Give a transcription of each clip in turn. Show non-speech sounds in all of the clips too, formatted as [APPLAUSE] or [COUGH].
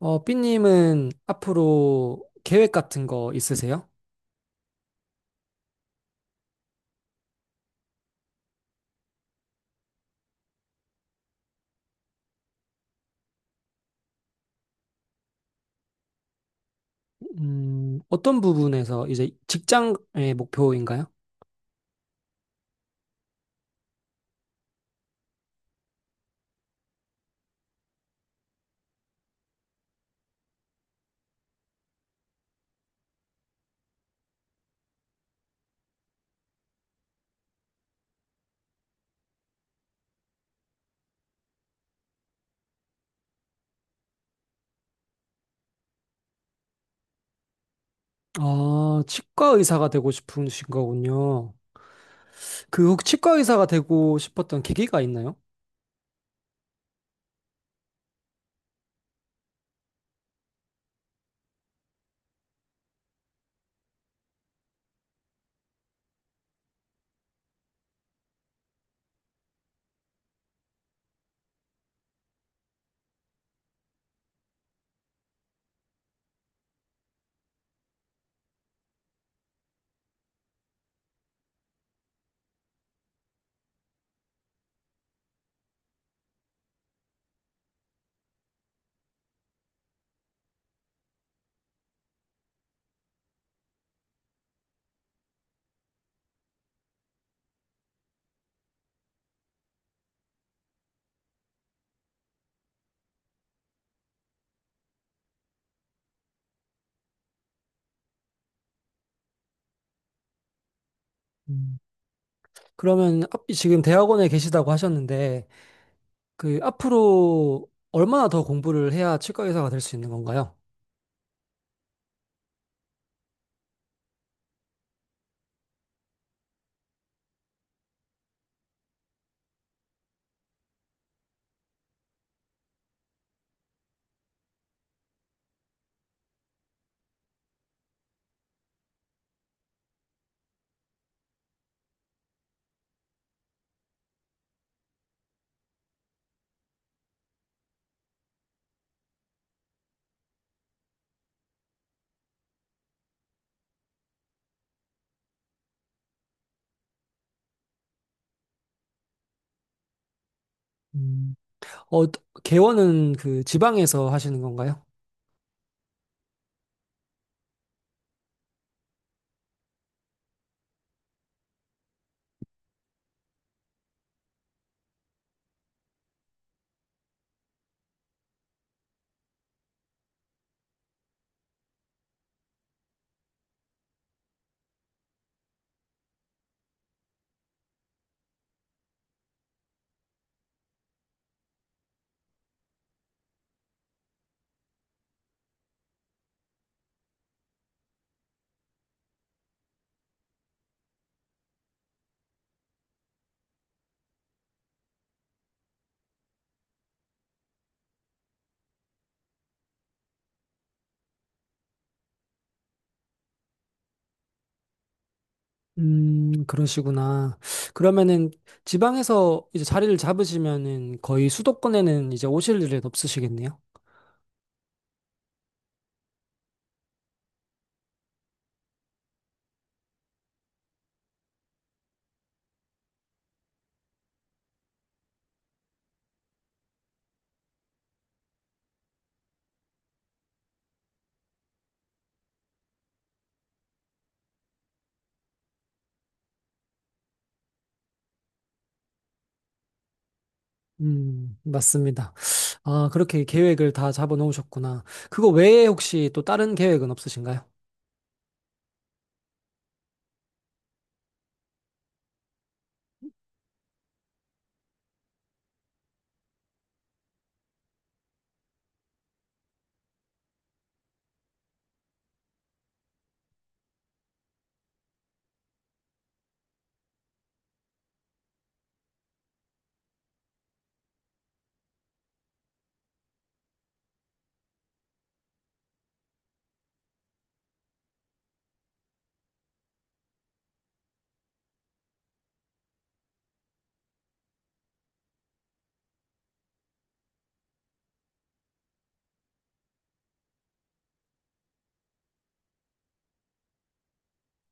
삐님은 앞으로 계획 같은 거 있으세요? 어떤 부분에서 이제 직장의 목표인가요? 아, 치과 의사가 되고 싶으신 거군요. 그혹 치과 의사가 되고 싶었던 계기가 있나요? 음, 그러면 지금 대학원에 계시다고 하셨는데 그 앞으로 얼마나 더 공부를 해야 치과 의사가 될 수 있는 건가요? 음. 어, 개원은 그 지방에서 하시는 건가요? 그러시구나. 그러면은 지방에서 이제 자리를 잡으시면은 거의 수도권에는 이제 오실 일은 없으시겠네요. 맞습니다. 아, 그렇게 계획을 다 잡아 놓으셨구나. 그거 외에 혹시 또 다른 계획은 없으신가요?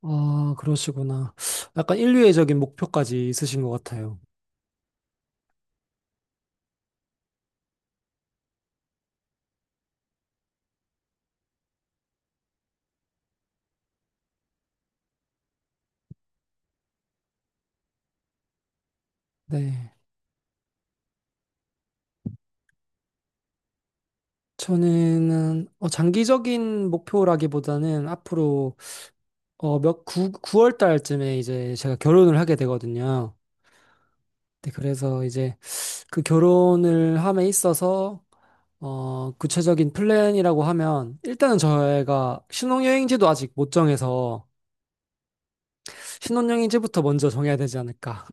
아, 그러시구나. 약간 인류애적인 목표까지 있으신 것 같아요. 네. 저는 장기적인 목표라기보다는 앞으로 구월 달쯤에 이제 제가 결혼을 하게 되거든요. 네, 그래서 이제 그 결혼을 함에 있어서 구체적인 플랜이라고 하면 일단은 저희가 신혼여행지도 아직 못 정해서 신혼여행지부터 먼저 정해야 되지 않을까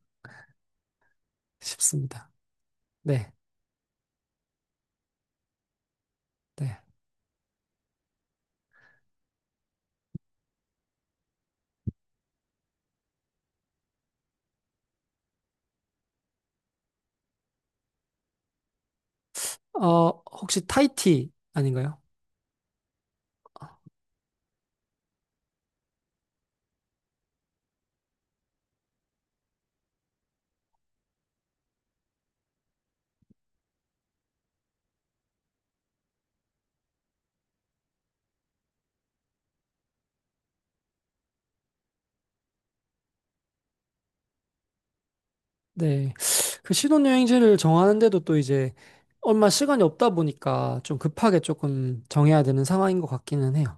[LAUGHS] 싶습니다. 네, 네. 어, 혹시 타이티 아닌가요? 네. 그 신혼여행지를 정하는데도 또 이제 얼마 시간이 없다 보니까 좀 급하게 조금 정해야 되는 상황인 것 같기는 해요.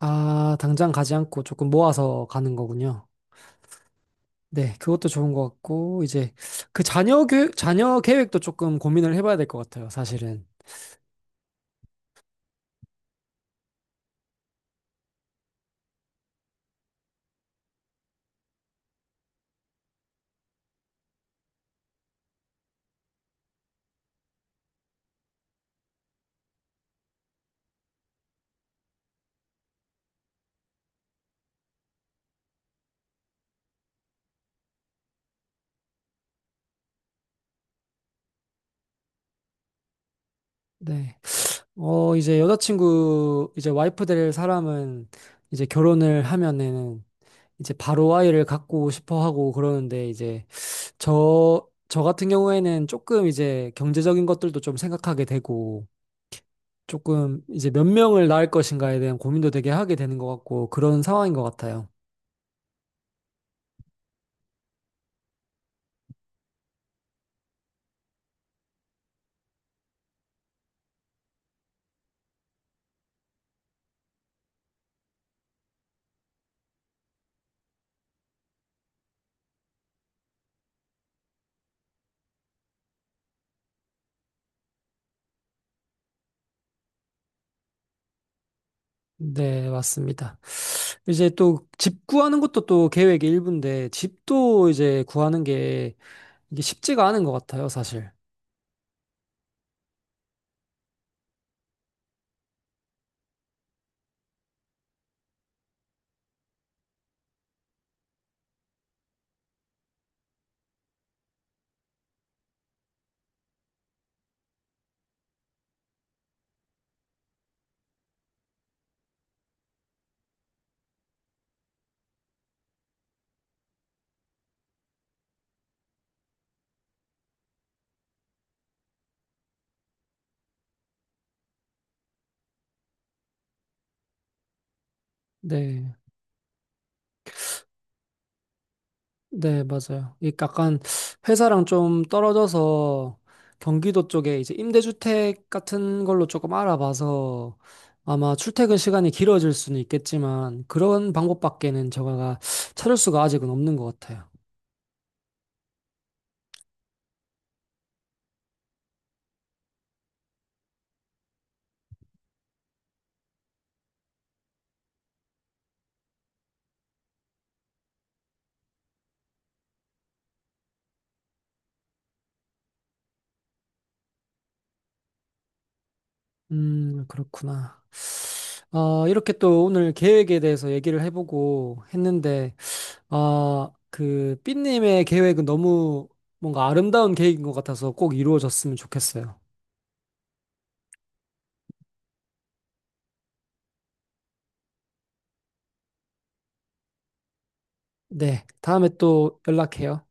아, 당장 가지 않고 조금 모아서 가는 거군요. 네, 그것도 좋은 것 같고, 이제 그 자녀 계획도 조금 고민을 해봐야 될 것 같아요, 사실은. 네. 이제 여자친구, 이제 와이프 될 사람은 이제 결혼을 하면은 이제 바로 아이를 갖고 싶어 하고 그러는데 이제 저 같은 경우에는 조금 이제 경제적인 것들도 좀 생각하게 되고 조금 이제 몇 명을 낳을 것인가에 대한 고민도 되게 하게 되는 것 같고 그런 상황인 것 같아요. 네, 맞습니다. 이제 또 집 구하는 것도 또 계획의 일부인데 집도 이제 구하는 게 이게 쉽지가 않은 것 같아요, 사실. 네, 네, 맞아요. 이 약간 회사랑 좀 떨어져서 경기도 쪽에 이제 임대주택 같은 걸로 조금 알아봐서 아마 출퇴근 시간이 길어질 수는 있겠지만 그런 방법밖에는 제가 찾을 수가 아직은 없는 것 같아요. 그렇구나. 아, 이렇게 또 오늘 계획에 대해서 얘기를 해보고 했는데 아, 그 삐님의 계획은 너무 뭔가 아름다운 계획인 것 같아서 꼭 이루어졌으면 좋겠어요. 네, 다음에 또 연락해요.